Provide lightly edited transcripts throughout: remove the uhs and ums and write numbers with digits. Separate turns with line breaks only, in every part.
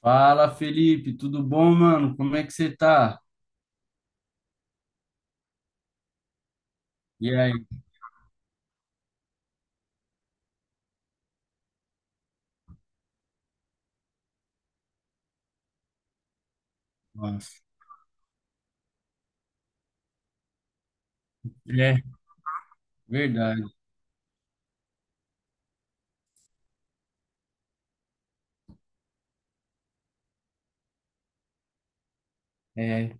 Fala, Felipe, tudo bom, mano? Como é que você tá? E aí? Nossa. É, verdade. É.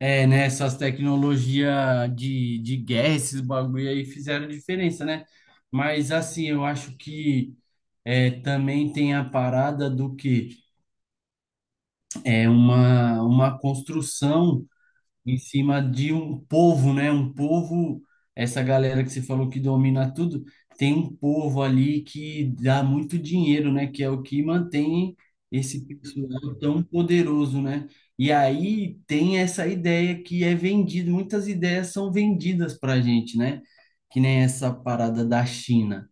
É, né? Essas tecnologias de, guerra, esses bagulho aí fizeram diferença, né? Mas assim, eu acho que é, também tem a parada do que é uma, construção em cima de um povo, né? Um povo, essa galera que você falou que domina tudo, tem um povo ali que dá muito dinheiro, né? Que é o que mantém esse pessoal tão poderoso, né? E aí tem essa ideia que é vendida, muitas ideias são vendidas para a gente, né? Que nem essa parada da China.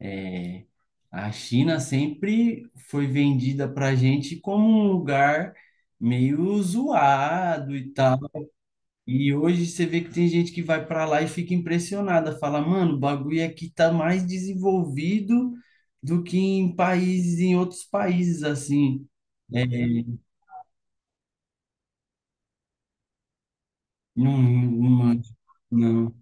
É, a China sempre foi vendida para a gente como um lugar meio zoado e tal e hoje você vê que tem gente que vai para lá e fica impressionada, fala, mano, o bagulho aqui tá mais desenvolvido do que em países, em outros países, assim. É, não, não, não.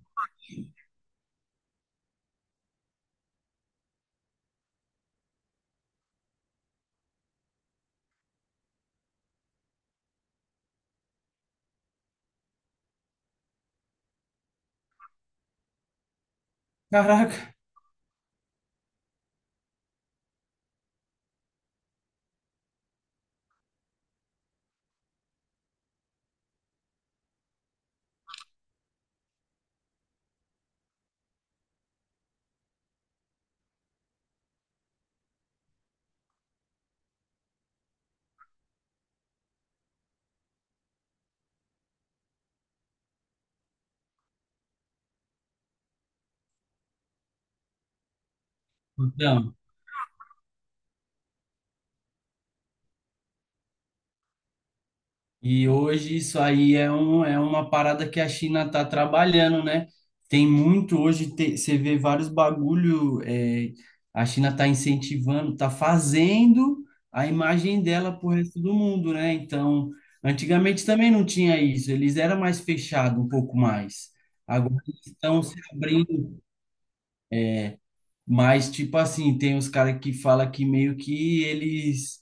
Caraca, então, e hoje isso aí é, um, é uma parada que a China está trabalhando, né? Tem muito hoje, você vê vários bagulho, é, a China está incentivando, está fazendo a imagem dela para o resto do mundo, né? Então, antigamente também não tinha isso, eles eram mais fechados um pouco mais. Agora eles estão se abrindo mais, tipo assim, tem os caras que falam que meio que eles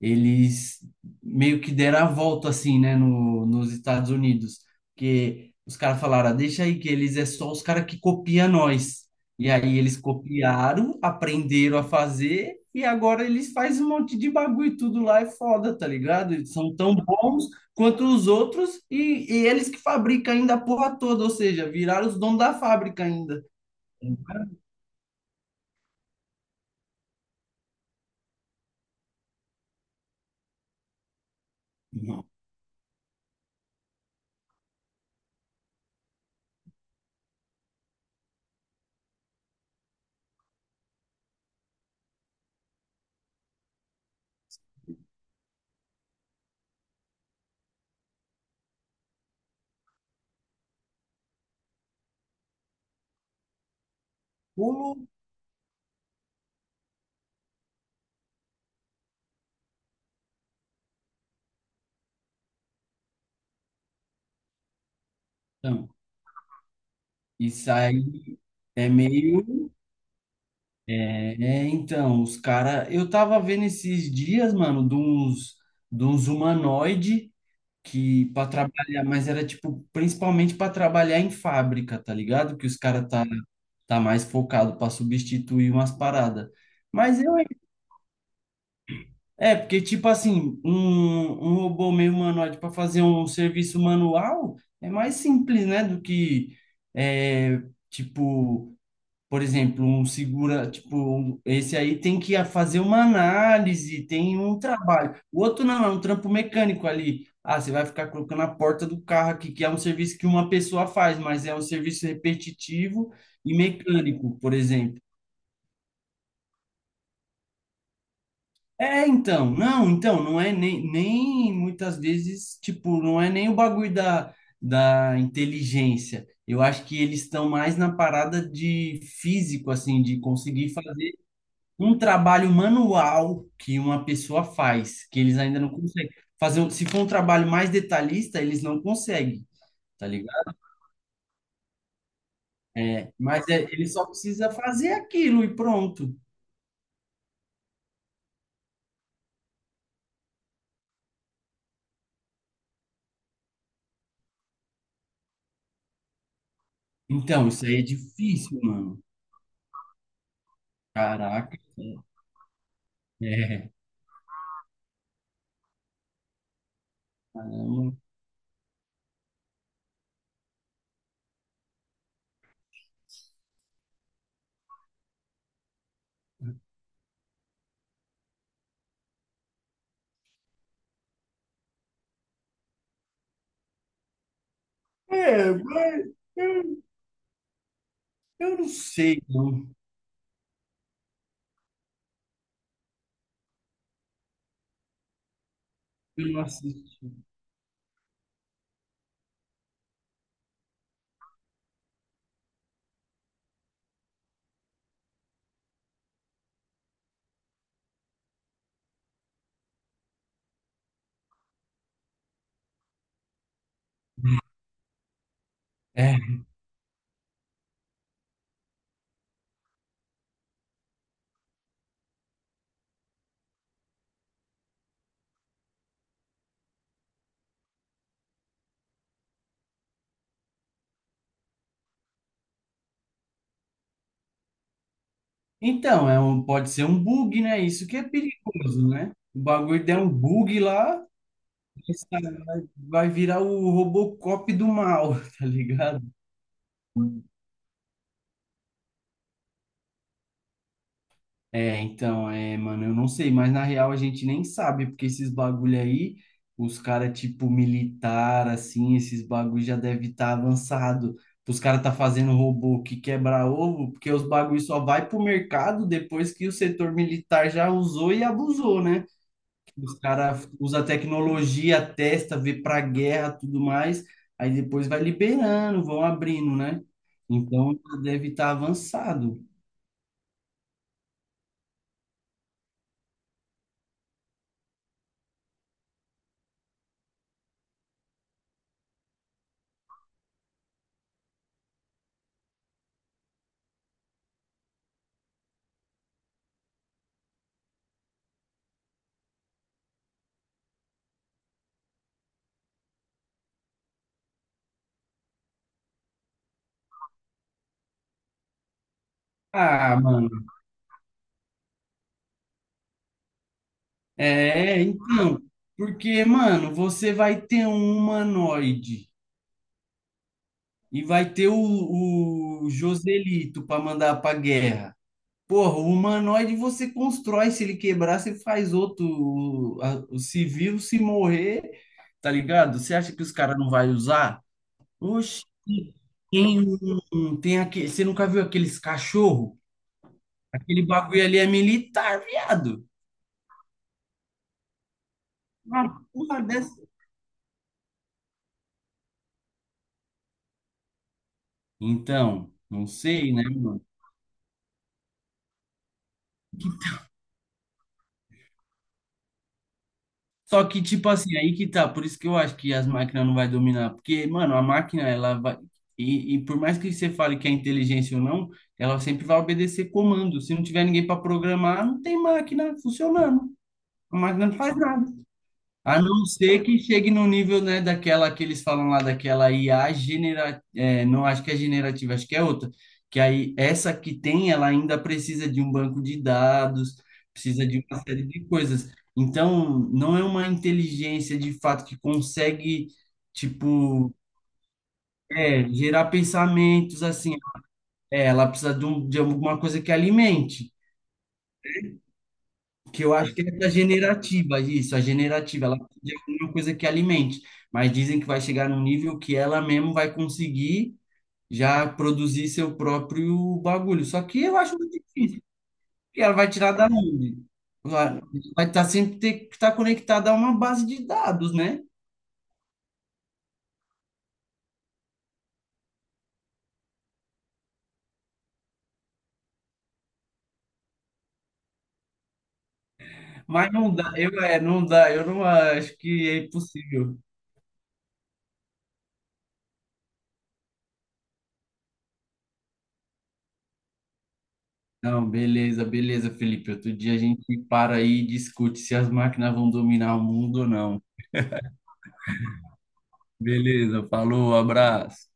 eles meio que deram a volta assim, né, no, nos Estados Unidos, porque os caras falaram, "Ah, deixa aí que eles é só os caras que copia nós. E aí eles copiaram, aprenderam a fazer e agora eles fazem um monte de bagulho e tudo lá é foda, tá ligado? Eles são tão bons quanto os outros e, eles que fabricam ainda a porra toda, ou seja, viraram os donos da fábrica ainda. Um pulo, então, isso aí é meio é, é, então, os caras. Eu tava vendo esses dias, mano, de uns humanoide que para trabalhar, mas era tipo, principalmente para trabalhar em fábrica, tá ligado? Que os caras tá, tá mais focado para substituir umas paradas. Mas eu. É, porque, tipo assim, um, robô meio humanoide para fazer um serviço manual é mais simples, né? Do que, é, tipo, por exemplo, um segura, tipo, esse aí tem que fazer uma análise, tem um trabalho. O outro não, é um trampo mecânico ali. Ah, você vai ficar colocando a porta do carro aqui, que é um serviço que uma pessoa faz, mas é um serviço repetitivo e mecânico, por exemplo. É, então, não é nem, nem muitas vezes, tipo, não é nem o bagulho da, inteligência. Eu acho que eles estão mais na parada de físico, assim, de conseguir fazer um trabalho manual que uma pessoa faz, que eles ainda não conseguem fazer. Se for um trabalho mais detalhista, eles não conseguem, tá ligado? É, mas ele só precisa fazer aquilo e pronto. Então, isso aí é difícil, mano. Caraca. É, caramba. É, mas eu, eu não sei, não. Eu não assisti. É. Então, é um, pode ser um bug, né? Isso que é perigoso, né? O bagulho der um bug lá. Esse cara vai virar o Robocop do mal, tá ligado? É, então, é, mano, eu não sei, mas na real a gente nem sabe, porque esses bagulho aí, os cara tipo militar, assim, esses bagulho já deve estar avançado. Os cara tá fazendo robô que quebra ovo, porque os bagulho só vai pro mercado depois que o setor militar já usou e abusou, né? Os caras usam tecnologia, testa, vê pra guerra, tudo mais. Aí depois vai liberando, vão abrindo, né? Então deve estar avançado. Ah, mano. É, então. Porque, mano, você vai ter um humanoide e vai ter o Joselito pra mandar pra guerra. Porra, o humanoide você constrói. Se ele quebrar, você faz outro. Se morrer, tá ligado? Você acha que os caras não vai usar? Oxi, tem, tem aquele, você nunca viu aqueles cachorro? Aquele bagulho ali é militar, viado. Uma porra dessa. Então, não sei, né, mano? Só que, tipo assim, aí que tá. Por isso que eu acho que as máquinas não vai dominar. Porque, mano, a máquina, ela vai. E por mais que você fale que é inteligência ou não, ela sempre vai obedecer comando. Se não tiver ninguém para programar, não tem máquina funcionando. A máquina não faz nada. A não ser que chegue no nível, né, daquela que eles falam lá, daquela IA generativa, não acho que é generativa, acho que é outra, que aí essa que tem, ela ainda precisa de um banco de dados, precisa de uma série de coisas. Então, não é uma inteligência de fato que consegue, tipo, é, gerar pensamentos assim. É, ela precisa de, um, de alguma coisa que alimente. Que eu acho que é a generativa, isso, a generativa, ela precisa de alguma coisa que alimente, mas dizem que vai chegar num nível que ela mesmo vai conseguir já produzir seu próprio bagulho. Só que eu acho muito difícil, porque ela vai tirar da onde? Vai estar sempre ter que estar conectada a uma base de dados, né? Mas não dá, não dá, eu não acho que é impossível. Não, beleza, beleza, Felipe. Outro dia a gente para aí e discute se as máquinas vão dominar o mundo ou não. Beleza, falou, abraço.